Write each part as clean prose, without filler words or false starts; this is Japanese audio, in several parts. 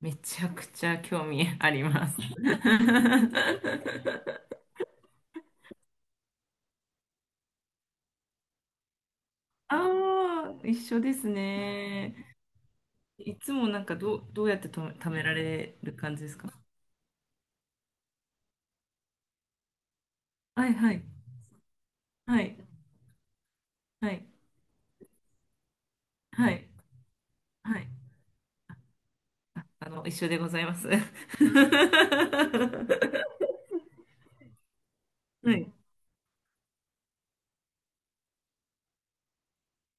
めちゃくちゃ興味あります。ああ、一緒ですね。いつもなんかどうやって貯められる感じですか？はいはい。はい。はい。はい。はい。あの、一緒でございます。はい。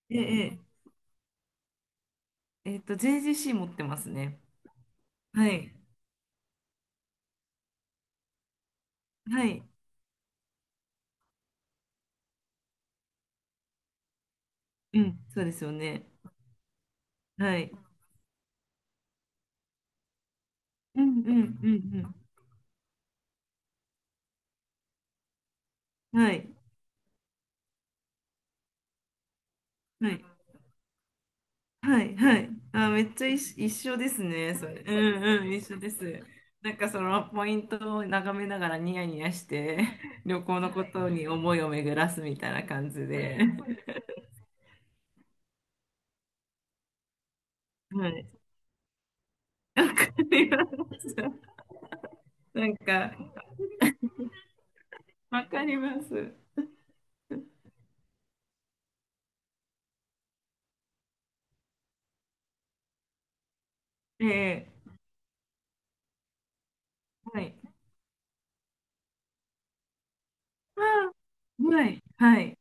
ええ、JGC 持ってますね。はい。はい。うん。そうですよね。はい。うんうんうんうん。はい。はい。はいはい。あ、めっちゃ一緒ですね、それ。うんうん、一緒です。なんかそのポイントを眺めながらニヤニヤして、旅行のことに思いを巡らすみたいな感じで。はい。わかります。なんか、わかります。ええ、はい。あー、はい。はい。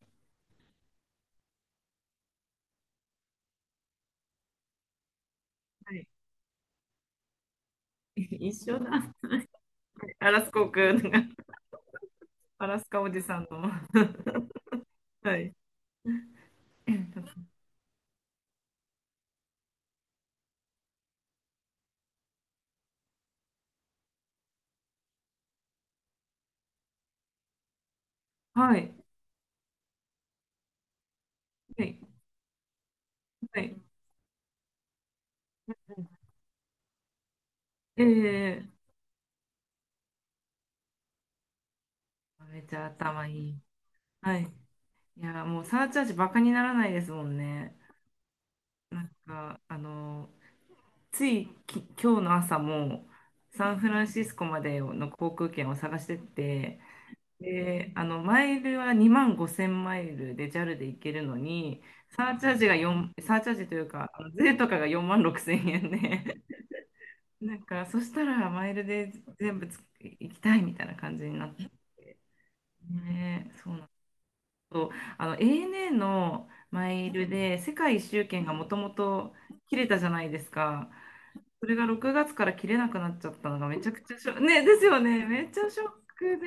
はい。一緒だ。アラスコ君、アラスカおじさんの。はい。はい。はい。はい。ええ、めっちゃ頭いい。はい。いや、もうサーチャージバカにならないですもんね。なんか、ついき、今日の朝も、サンフランシスコまでの航空券を探してて、で、マイルは2万5000マイルでジャルで行けるのに、サーチャージというか、あの税とかが4万6000円で、なんか、そしたらマイルで全部行きたいみたいな感じになって、ね、そうなんと、あの ANA のマイルで世界一周券がもともと切れたじゃないですか。それが6月から切れなくなっちゃったのがめちゃくちゃショック、ね、ですよね。めっちゃショックで、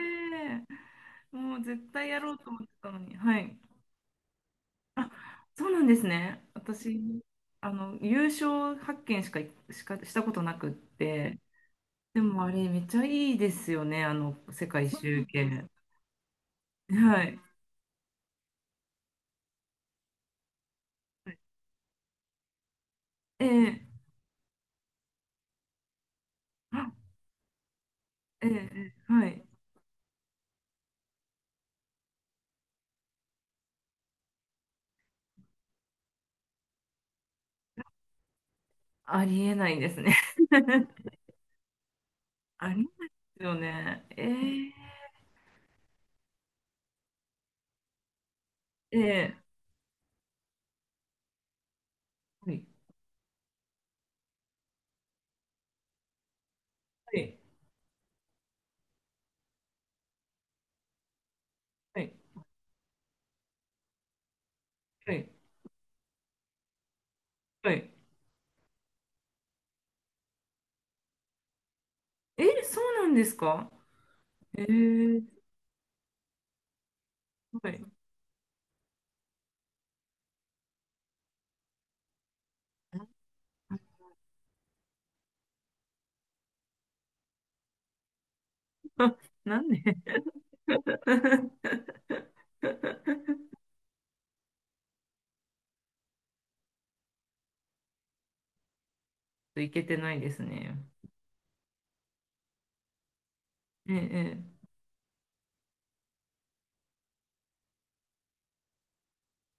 もう絶対やろうと思ってたのに。はい。そうなんですね。私、あの、優勝発見しかしたことなくって。でもあれ、めっちゃいいですよね。あの、世界一周券。はい。ええ、あ、ええ、ええ、はい。ありえないですね。ありますよね。えー、えー、はい、はい、はい、はい、はい。えー、そうなんですか？えー、はい。なんで？ ちょっといけてないですね。えー、え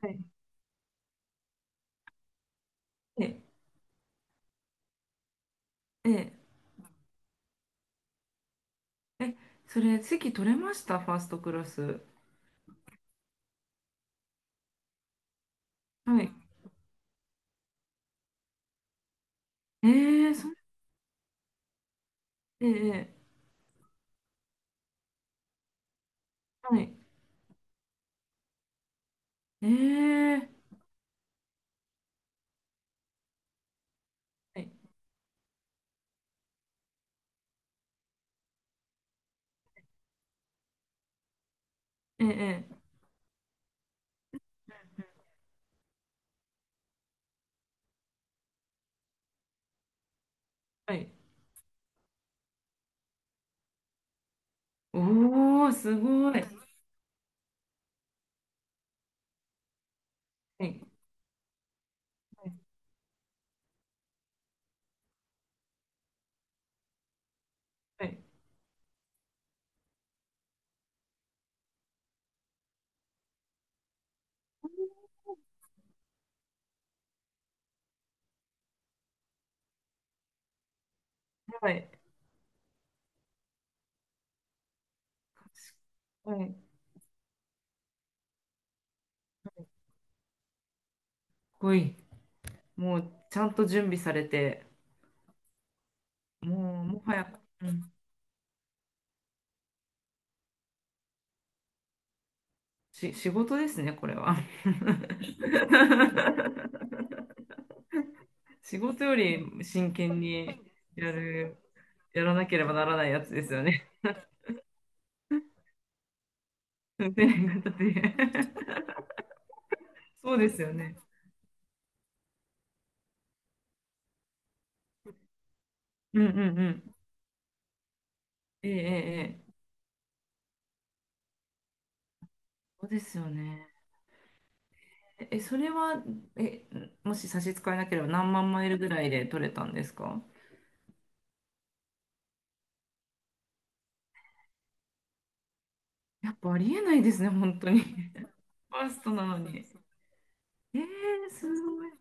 ー、はい、えー、えー、え、それ、席取れました、ファーストクラス？はい。えー、そう、えー、えー、はい。えー、はい、えー、えー、はい。おー、すごい。はい、はい、はい、はい。はい。かっこいい。もうちゃんと準備されて、もうもはや、うん、仕事ですね、これは。仕事より真剣にやる、やらなければならないやつですよね。運転型で。そうですよね。うんうんうん。ええ、ええ。ええ、そうですよね。え、それは、え、もし差し支えなければ何万マイルぐらいで取れたんですか？やっぱありえないですね、本当に。ファーストなのに。えー、すごい。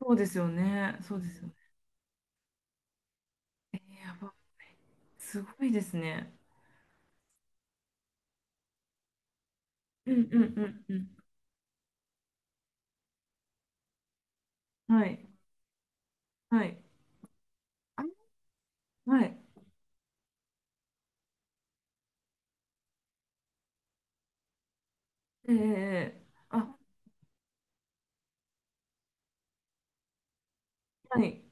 そうですよね。そうですよね。えー、やば、すごいですね。うんうんうんうん。はい。はい。あ、はい。えー、えー、あ、はい。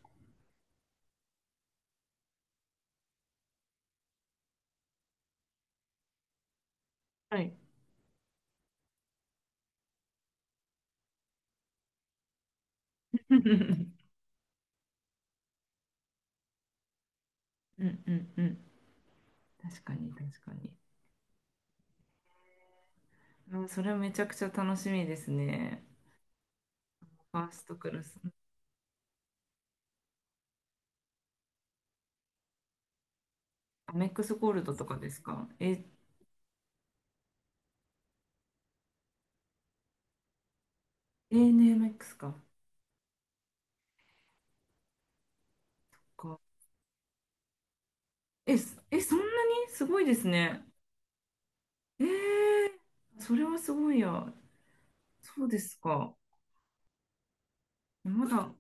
はい。うんうんうん。確かに、確かに。あ、それはめちゃくちゃ楽しみですね。ファーストクラス。アメックスゴールドとかですか？え、ANMX か。か。え、そんなにすごいですね。えー、それはすごいや。そうですか。まだ。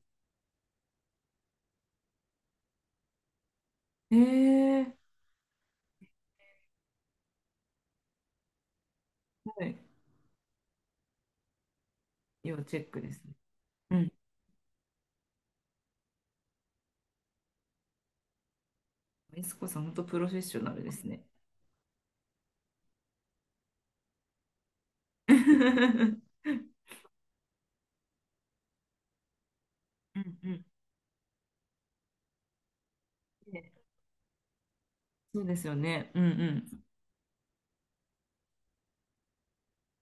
えー、はい。要チェックですね。うん。エスコさん、本当プロフェッショナルですね。うんうん、ね、そうですよね。うん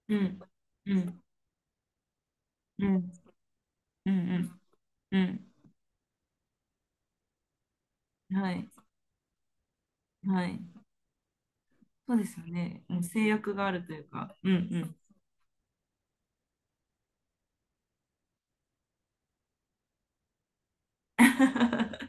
うん。うんうんうんうんうんうん。はいはい。そうですよね。もう制約があるというか。うんうん。